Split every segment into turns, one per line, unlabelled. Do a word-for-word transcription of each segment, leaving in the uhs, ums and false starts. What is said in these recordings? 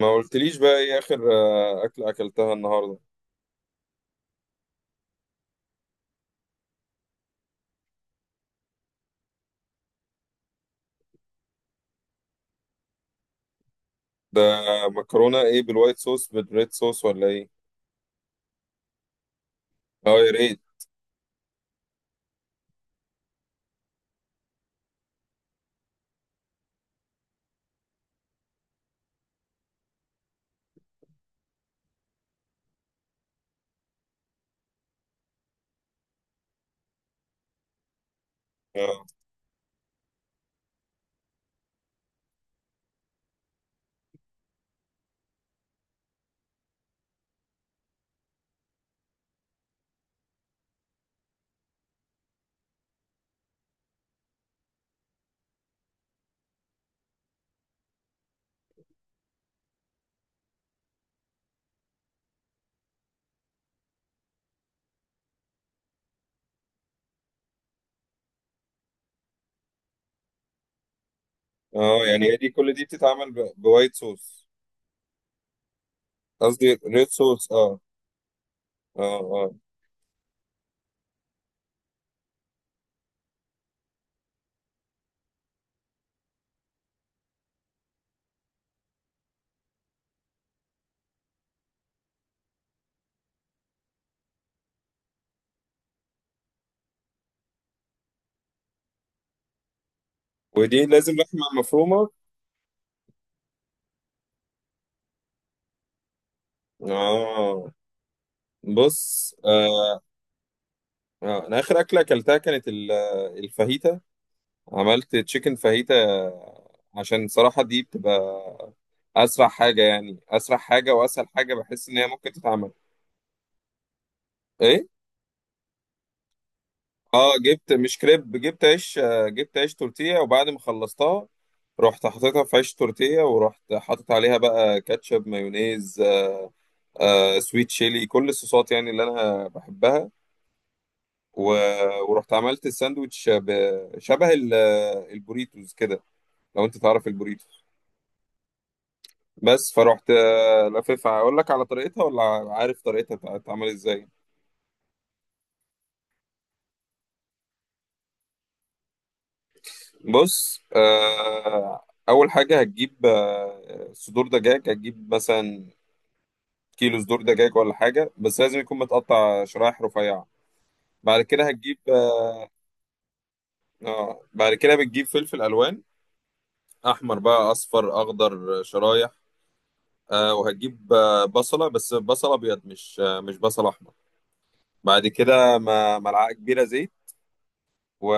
ما قلتليش بقى ايه اخر آه، اكلة اكلتها النهاردة؟ ده مكرونة ايه، بالوايت صوص بالريد صوص ولا ايه؟ اه، يا ريت. اه اه، يعني هي دي، كل دي بتتعمل ب- بوايت صوص؟ قصدي ريد صوص، اه. اه اه، ودي لازم لحمة مفرومة؟ اه. بص آه. آه. انا اخر اكلة اكلتها كانت ال- آه، الفاهيتا. عملت تشيكن فاهيتا، آه، عشان صراحة دي بتبقى اسرع حاجة، يعني اسرع حاجة واسهل حاجة بحس ان هي ممكن تتعمل. ايه؟ اه، جبت مش كريب، جبت عيش، آه، جبت عيش تورتيه، وبعد ما خلصتها رحت حطيتها في عيش تورتيه، ورحت حاطط عليها بقى كاتشب مايونيز، آه آه سويت شيلي، كل الصوصات يعني اللي انا بحبها. و... ورحت عملت الساندوتش ب- شبه ال- البوريتوز كده. لو انت تعرف البوريتوز. بس فرحت، آه، لففها اقول لك على طريقتها، ولا عارف طريقتها بتاع- بتتعمل ازاي؟ بص آه اول حاجه هتجيب آه، صدور دجاج، هتجيب مثلا كيلو صدور دجاج ولا حاجة، بس لازم يكون متقطع شرايح رفيعة. بعد كده هتجيب. اه، بعد كده بتجيب فلفل ألوان، أحمر بقى أصفر أخضر، شرايح. آه وهتجيب آه بصلة، بس بصلة أبيض، مش آه مش بصل أحمر. بعد كده م- ملعقة كبيرة زيت، و...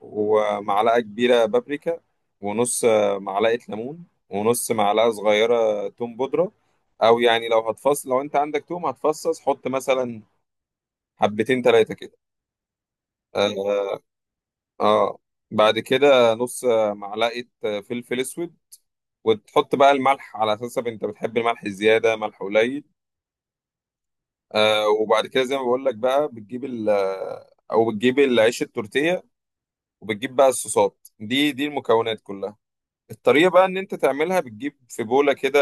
ومعلقة كبيرة بابريكا، ونص آه، معلقة ليمون، ونص معلقة صغيرة توم بودرة. أو يعني لو هتفصل، لو أنت عندك توم هتفصص، حط مثلا حبتين تلاتة كده. آه، اه، بعد كده نص معلقة فلفل اسود، وتحط بقى الملح على حسب، انت بتحب الملح زيادة، ملح قليل. آه وبعد كده زي ما بقول لك بقى، بتجيب ال آه، او بتجيب العيش التورتيه، وبتجيب بقى الصوصات دي، دي المكونات كلها. الطريقه بقى ان انت تعملها، بتجيب في بوله كده،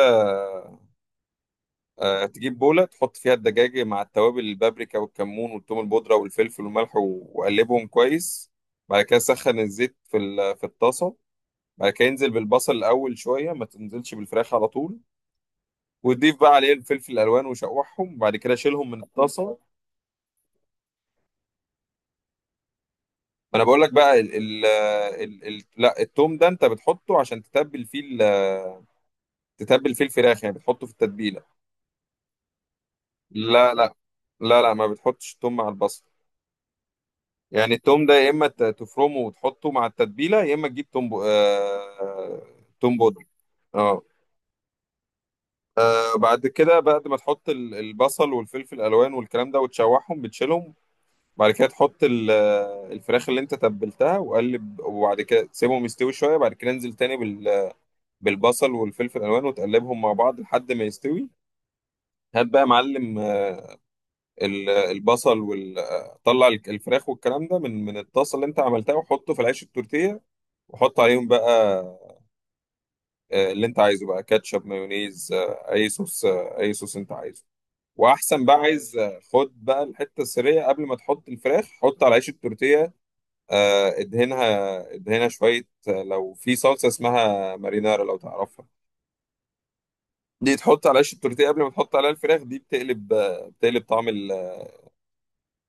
آه، تجيب بوله تحط فيها الدجاج مع التوابل، البابريكا والكمون والثوم البودره والفلفل والملح، و- وقلبهم كويس. بعد كده سخن الزيت في ال- في الطاسه. بعد كده ينزل بالبصل الاول شويه، ما تنزلش بالفراخ على طول، وتضيف بقى عليه الفلفل الالوان وشوحهم، وبعد كده شيلهم من الطاسه. ما انا بقول لك بقى، ال ال ال ال لا، التوم ده انت بتحطه عشان تتبل فيه ال- تتبل فيه الفراخ، يعني بتحطه في التتبيله. لا لا لا لا، ما بتحطش التوم مع البصل. يعني التوم ده يا اما ت- تفرمه وتحطه مع التتبيله، يا اما تجيب توم بو... آه... توم بودر، اه. بعد كده، بعد ما تحط ال- البصل والفلفل الالوان والكلام ده وتشوحهم، بتشيلهم. بعد كده تحط ال- الفراخ اللي انت تبلتها وقلب، وبعد كده تسيبهم يستوي شويه. بعد كده انزل تاني بال- بالبصل والفلفل الالوان، وتقلبهم مع بعض لحد ما يستوي. هات بقى يا معلم، آه، ال- البصل وال آه، طلع ال- الفراخ والكلام ده من من الطاسه اللي انت عملتها، وحطه في العيش التورتيه، وحط عليهم بقى آه، اللي انت عايزه بقى، كاتشب مايونيز، آه، اي صوص، آه، اي صوص انت عايزه. واحسن بقى، عايز آه، خد بقى الحته السريه، قبل ما تحط الفراخ حط على عيش التورتيه، آه، ادهنها. ادهنها شويه، آه، لو في صلصه اسمها مارينارا، لو تعرفها، دي تحط على عيش التورتيه قبل ما تحط عليها الفراخ، دي بتقلب، آه، بتقلب طعم ال-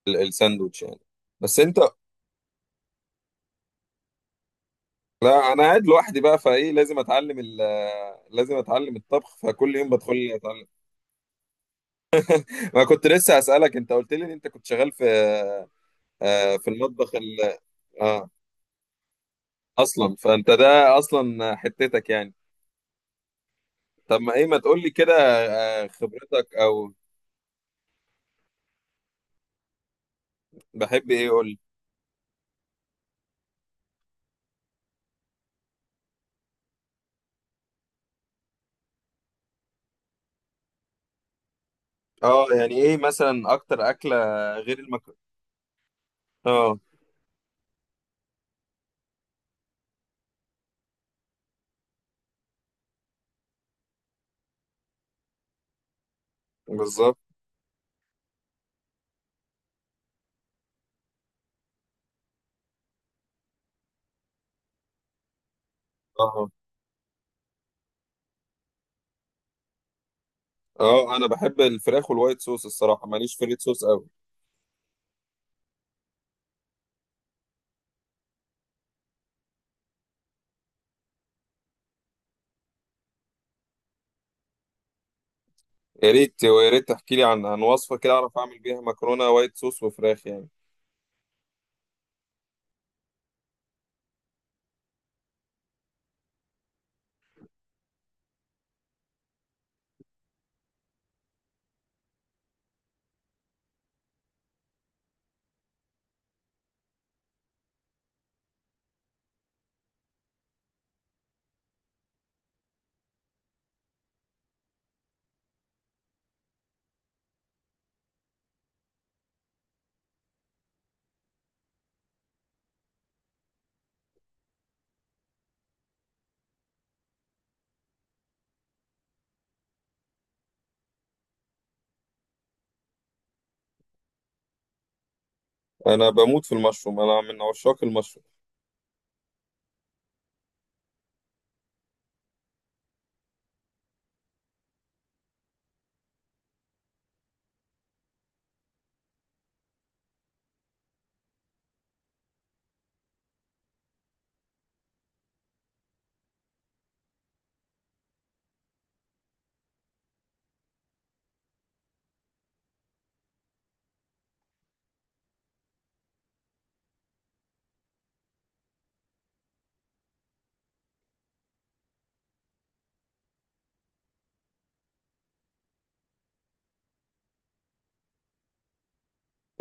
ال- الساندوتش يعني. بس انت، لا، انا قاعد لوحدي بقى، فايه لازم اتعلم ال- آه، لازم اتعلم الطبخ، فكل يوم بدخل اتعلم. ما كنت لسه اسالك، انت قلت لي ان انت كنت شغال في، آه، آه، في المطبخ ال- اه، اصلا فانت ده اصلا حتتك يعني. طب ما ايه، ما تقول لي كده. آه، خبرتك او بحب ايه، قول لي. اه، يعني ايه مثلا اكتر اكله غير المكرونه؟ اه، بالظبط. اه اه، انا بحب الفراخ والوايت صوص الصراحه، ماليش في الريد صوص قوي. يا ريت، ويا ريت تحكي لي عن عن وصفه كده، اعرف اعمل بيها مكرونه وايت صوص وفراخ يعني. انا بموت في المشروم، انا من عشاق المشروم.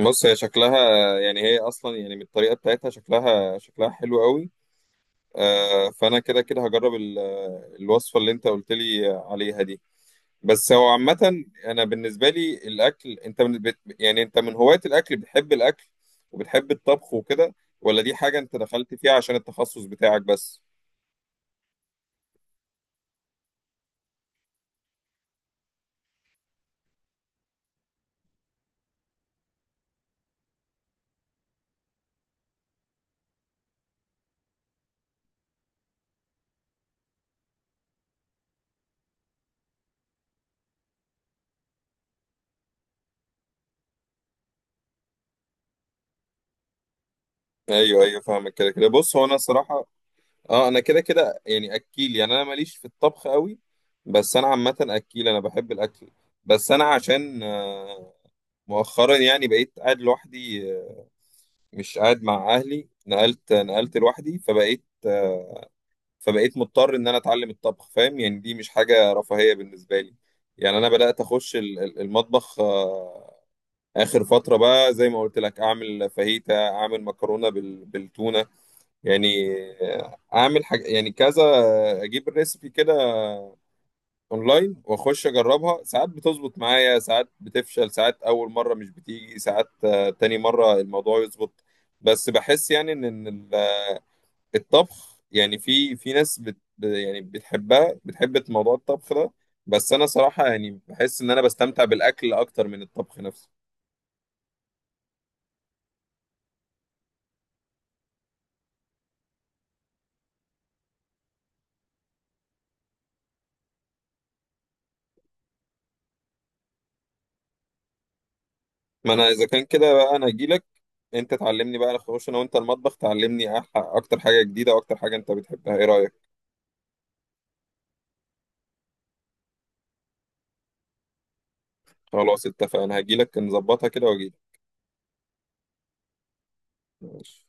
بص، هي شكلها، يعني هي اصلا يعني من الطريقه بتاعتها، شكلها شكلها حلو قوي. آه، فانا كده كده هجرب ال- الوصفه اللي انت قلت لي عليها دي. بس هو عامة، أنا بالنسبة لي الأكل، أنت من بت... يعني أنت من هواة الأكل، بتحب الأكل وبتحب الطبخ وكده، ولا دي حاجة أنت دخلت فيها عشان التخصص بتاعك بس؟ أيوه أيوه، فاهمك. كده كده بص، هو أنا الصراحة، أه أنا كده كده يعني أكيل، يعني أنا ماليش في الطبخ قوي، بس أنا عامة أكيل، أنا بحب الأكل. بس أنا عشان آه، مؤخرا يعني بقيت قاعد لوحدي، آه، مش قاعد مع أهلي، نقلت نقلت لوحدي، فبقيت آه، فبقيت مضطر ان انا اتعلم الطبخ، فاهم يعني، دي مش حاجة رفاهية بالنسبة لي. يعني انا بدأت اخش ال- ال- المطبخ، آه، اخر فترة بقى زي ما قلت لك، اعمل فاهيتا، اعمل مكرونة بال- بالتونة يعني، آه، اعمل حاجة يعني كذا، آه، اجيب الريسبي كده اونلاين واخش اجربها، ساعات بتظبط معايا، ساعات بتفشل، ساعات اول مرة مش بتيجي، ساعات آه، تاني مرة الموضوع يظبط. بس بحس يعني ان الطبخ يعني، في في ناس بت ب- يعني بتحبها، بتحب موضوع الطبخ ده. بس انا صراحة يعني بحس ان انا بستمتع بالاكل اكتر من الطبخ نفسه. ما انا اذا كان كده بقى، انا هجيلك انت تعلمني بقى، نخش انا وانت المطبخ تعلمني أح- اكتر حاجة جديدة، واكتر حاجة انت بتحبها، ايه رأيك؟ خلاص اتفقنا، هجيلك نظبطها كده واجيلك. ماشي.